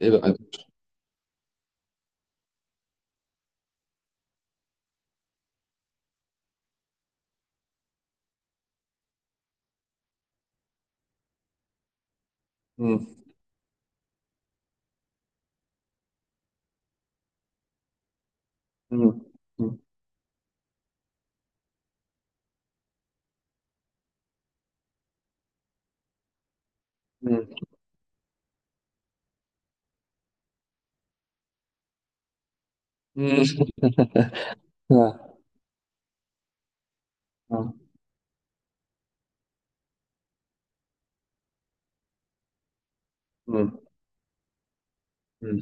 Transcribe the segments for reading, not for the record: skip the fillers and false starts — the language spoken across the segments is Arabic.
ايه بقى. مم. مم. مم. مم. مم. آه. آه. مم. مم.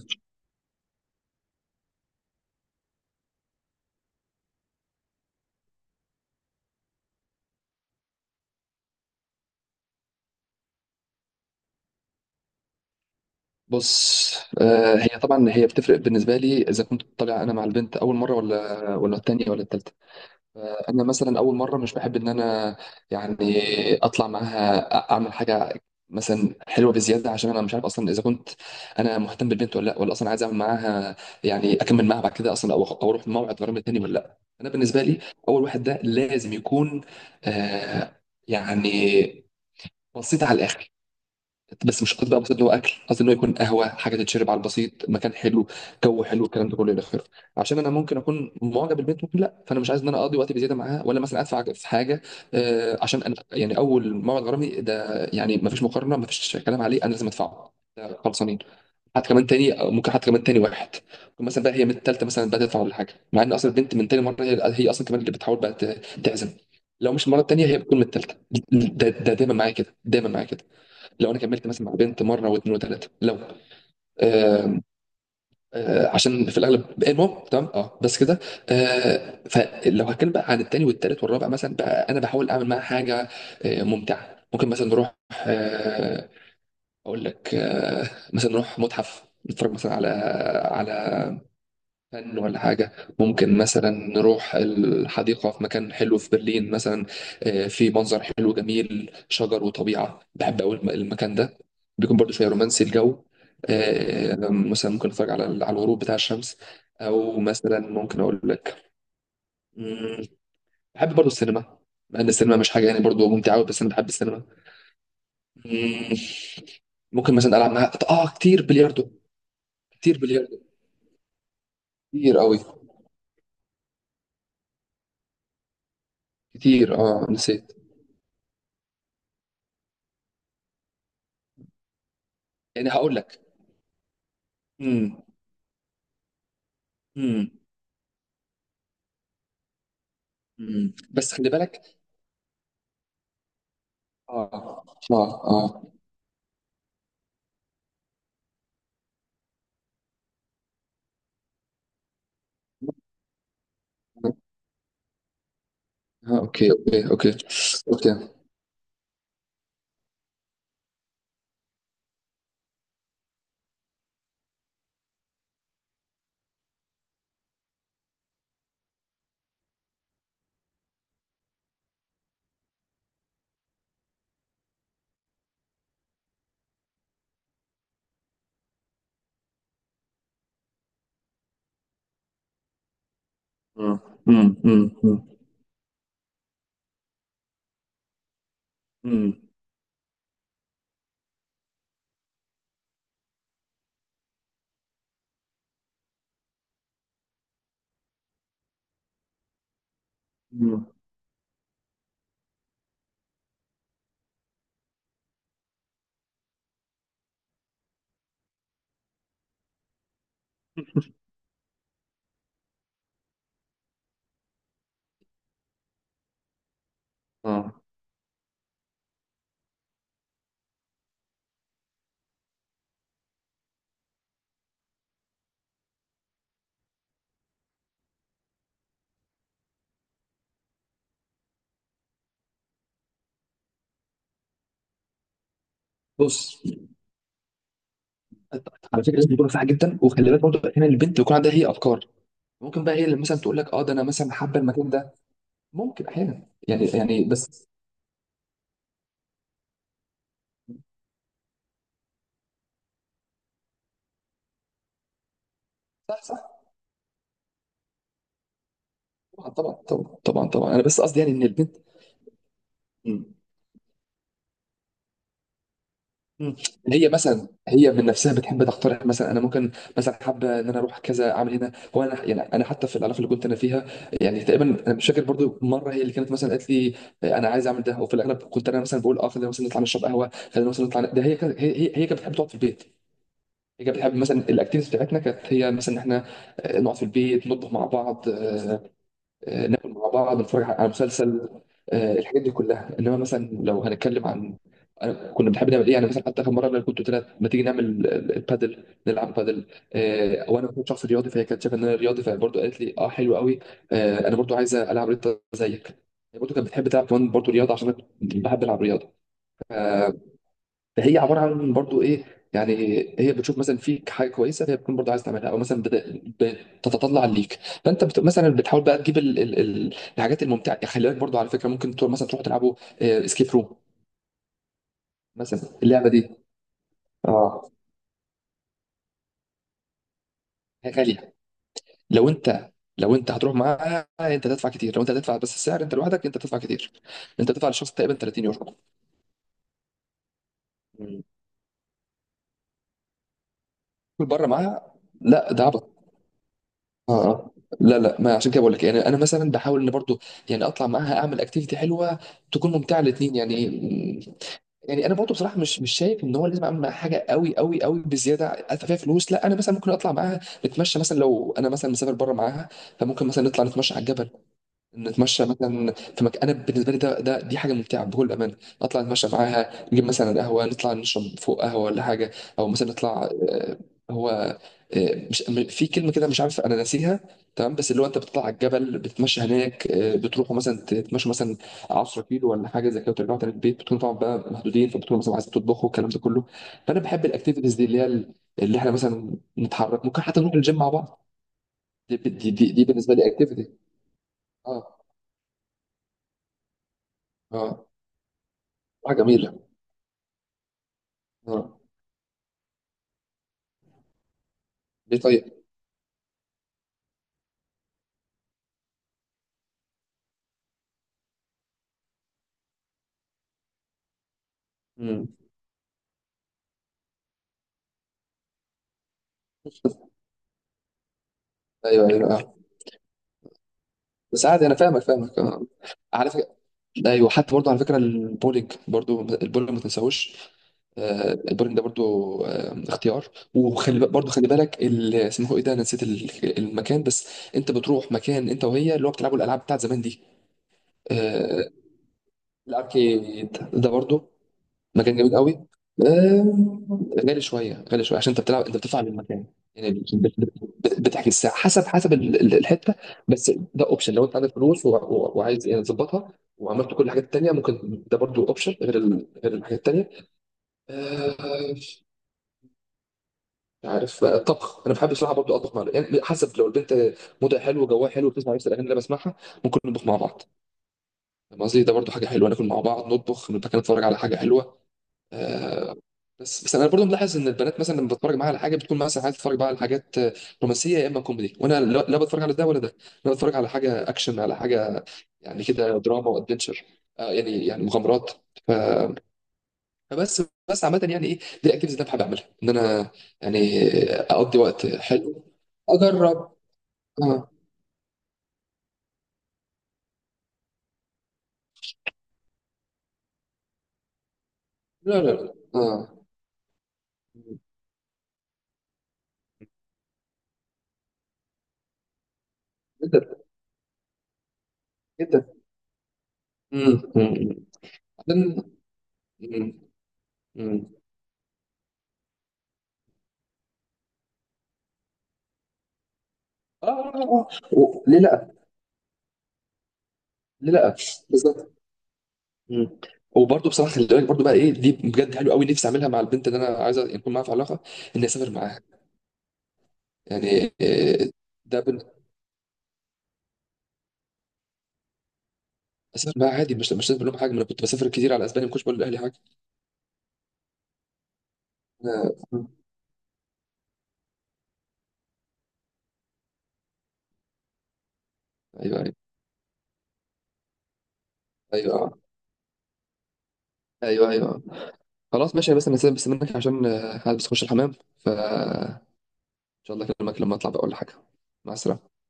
بص، آه هي طبعا هي بتفرق بالنسبه لي اذا كنت طالع انا مع البنت اول مره ولا التانيه ولا التالته. انا مثلا اول مره مش بحب ان انا، يعني، اطلع معاها اعمل حاجه مثلا حلوه بزياده، عشان انا مش عارف اصلا اذا كنت انا مهتم بالبنت ولا لا، ولا اصلا عايز اعمل معاها يعني اكمل معاها بعد كده اصلا، او اروح موعد غرام تاني ولا لا. انا بالنسبه لي اول واحد ده لازم يكون، آه، يعني، بسيط على الاخر. بس مش قصدي بقى بسيط اللي هو اكل، قصدي ان هو يكون قهوه، حاجه تتشرب على البسيط، مكان حلو، جو حلو، الكلام ده كله الى اخره. عشان انا ممكن اكون معجب بالبنت ممكن لا، فانا مش عايز ان انا اقضي وقتي بزياده معاها ولا مثلا ادفع في حاجه. آه، عشان انا يعني اول موعد غرامي ده يعني ما فيش مقارنه ما فيش كلام عليه، انا لازم ادفعه، ده خلصانين. حتى كمان تاني ممكن، حتى كمان تاني واحد ممكن مثلا بقى هي من التالتة مثلا بقى تدفع ولا حاجه، مع ان اصلا البنت من تاني مره هي اصلا كمان اللي بتحاول بقى تعزم. لو مش المره التانيه هي بتكون من التالتة. ده دايما معايا كده، دايما معايا كده. لو انا كملت مثلا مع بنت مره واثنين وثلاثه لو، آه، آه، عشان في الاغلب المهم تمام، اه بس كده. آه، فلو هتكلم بقى عن التاني والتالت والرابع مثلا بقى انا بحاول اعمل معاها حاجه آه ممتعه. ممكن مثلا نروح، آه، اقول لك، آه، مثلا نروح متحف نتفرج مثلا على على فن ولا حاجة. ممكن مثلا نروح الحديقة في مكان حلو في برلين مثلا. آه، في منظر حلو جميل، شجر وطبيعة، بحب أوي المكان ده. بيكون برضو شوية رومانسي الجو. آه، مثلا ممكن أتفرج على على الغروب بتاع الشمس، أو مثلا ممكن أقول لك، مم، بحب برضو السينما. مع إن السينما مش حاجة يعني برضو ممتعة أوي، بس أنا بحب السينما. مم، ممكن مثلا ألعب معاها آه كتير بلياردو، كتير بلياردو، كتير أوي، كتير آه نسيت. يعني هقول لك، امم، امم، بس خلي بالك. اه، اه، اه، آه، اوكي اوكي اوكي اوكي. امم، امم، امم، امم. اه، بص، على فكره لازم تكون صح جدا، وخلي بالك برضه احيانا البنت بيكون عندها هي افكار، ممكن بقى هي اللي مثلا تقول لك اه ده انا مثلا حابه المكان ده. ممكن احيانا يعني يعني بس. صح صح. طبعا طبعا طبعا طبعا طبعا، انا بس قصدي يعني ان البنت. مم. مم. هي مثلا هي من نفسها بتحب تقترح، مثلا انا ممكن مثلا حابه ان انا اروح كذا اعمل هنا، وانا يعني انا حتى في العلاقه اللي كنت انا فيها، يعني تقريبا انا مش فاكر برضو مره هي اللي كانت مثلا قالت لي آه، انا عايز اعمل ده. وفي الاغلب كنت انا مثلا بقول اه خلينا مثلا نطلع نشرب قهوه، خلينا مثلا نطلع ده، هي كانت بتحب تقعد في البيت. هي كانت بتحب مثلا الاكتيفيتيز بتاعتنا كانت هي مثلا ان احنا، آه، نقعد في البيت نطبخ مع بعض، آه، آه، ناكل مع بعض نتفرج على مسلسل. آه، الحاجات دي كلها. انما مثلا لو هنتكلم عن أنا كنا بنحب نعمل ايه، يعني مثلا حتى اخر مره انا كنت قلت لها ما تيجي نعمل البادل، نلعب بادل. آه، وانا كنت شخص رياضي فهي كانت شايفه ان انا رياضي فبرضه قالت لي اه حلو قوي. آه، انا برضه عايزه العب رياضه زيك. هي برضه كانت بتحب تلعب كمان برضه رياضه عشان انا كنت بحب العب رياضه. هي عباره عن برضو ايه، يعني هي بتشوف مثلا فيك حاجه كويسه فهي بتكون برضو عايز تعملها، او مثلا بتتطلع ليك. فانت مثلا بتحاول بقى تجيب الحاجات الممتعه يعني. خلي بالك برضو على فكره ممكن تروح مثلا، تروحوا تلعبوا اسكيب روم. مثلا اللعبه دي اه هي غاليه. لو انت، لو انت هتروح معاها انت تدفع كتير، لو انت هتدفع بس السعر انت لوحدك انت تدفع كتير. انت تدفع للشخص تقريبا 30 يورو. مم. كل بره معاها. لا ده عبط. اه اه. لا لا، ما عشان كده بقول لك يعني انا مثلا بحاول ان برضو، يعني اطلع معاها اعمل اكتيفيتي حلوه تكون ممتعه الاثنين يعني. يعني انا برضو بصراحه مش شايف ان هو لازم اعمل معاها حاجه قوي قوي قوي بزياده، ادفع فيها فلوس، لا. انا مثلا ممكن اطلع معاها نتمشى مثلا، لو انا مثلا مسافر بره معاها فممكن مثلا نطلع نتمشى على الجبل، نتمشى مثلا في مكان. انا بالنسبه لي ده دي حاجه ممتعه بكل امانه. نطلع نتمشى معاها، نجيب مثلا قهوه، نطلع نشرب فوق قهوه ولا حاجه. او مثلا نطلع، آه، هو، آه، مش م- في كلمه كده مش عارف انا ناسيها، تمام، بس اللي هو انت بتطلع على الجبل بتتمشى هناك، آه، بتروحوا مثلا تتمشوا مثلا 10 كيلو ولا حاجه زي كده، وترجعوا تاني البيت. بتكونوا طبعا بقى محدودين، فبتكونوا مثلا عايزين تطبخوا الكلام ده كله. فانا بحب الاكتيفيتيز دي اللي هي اللي احنا مثلا نتحرك، ممكن حتى نروح الجيم مع بعض. دي بالنسبه لي اكتيفيتي. اه اه. حاجه جميله. اه دي طريقة. امم، ايوه ايوه آه. بس عادي انا فاهمك فاهمك آه. على فكرة، ايوه، حتى برضه على فكرة البولينج، برضه البولينج ما تنساهوش. آه، البولينج ده برضه، آه، اختيار. وخلي برضه خلي بالك اسمه ايه ده، أنا نسيت المكان، بس انت بتروح مكان انت وهي اللي هو بتلعبوا الالعاب بتاعت زمان دي. آه، الاركيد ده برضه مكان جميل قوي. آه، غالي شويه، غالي شويه، عشان انت بتلعب انت بتدفع للمكان. يعني بتحجز الساعه حسب حسب الحته. بس ده اوبشن لو انت عندك فلوس وعايز يعني تظبطها وعملت كل الحاجات التانيه. ممكن ده برضو اوبشن غير غير الحاجات التانيه. آه، مش عارف بقى الطبخ، انا بحب بصراحه برضو اطبخ مع، يعني حسب، لو البنت مودها حلو وجواها حلو وبتسمع نفس الاغاني اللي انا بسمعها ممكن نطبخ مع بعض. فاهم قصدي، ده برضو حاجه حلوه، ناكل مع بعض، نطبخ، نبقى نتفرج على حاجه حلوه. آه، بس بس انا برضو ملاحظ ان البنات مثلا لما بتفرج معاها على حاجه بتكون مثلا عايزه تتفرج بقى على حاجات آه رومانسيه، يا اما كوميدي، وانا لا لا بتفرج على ده ولا ده، انا بتفرج على حاجه اكشن، على حاجه يعني كده دراما وادفنشر، آه، يعني يعني مغامرات. ف- فبس، بس عامه يعني ايه دي الاكتيفيتيز اللي انا بحب اعملها، ان انا يعني اقضي وقت حلو. اجرب، اه. لا لا لا، اه. جدا، جدا. امم، امم. أمم. أمم. أمم. اه، آه، آه، ليه لا. ليه لا. بالظبط. مم. وبرضه بصراحه خلي بالك برضه بقى ايه دي بجد حلو قوي نفسي اعملها مع البنت اللي انا عايز يكون معاها في علاقه، اني اسافر معاها يعني. إيه، ده بن... اسافر معاها عادي، مش مش لازم أقول لهم حاجه، ما انا كنت بسافر كتير على اسبانيا ما كنتش بقول لاهلي حاجه. آه، ايوه ايوه ايوه آه. ايوه ايوه آه. خلاص ماشي، بس انا سيبك بس منك عشان، آه، عايز بس اخش الحمام. فان شاء الله اكلمك لما اطلع بقول حاجه. مع السلامه.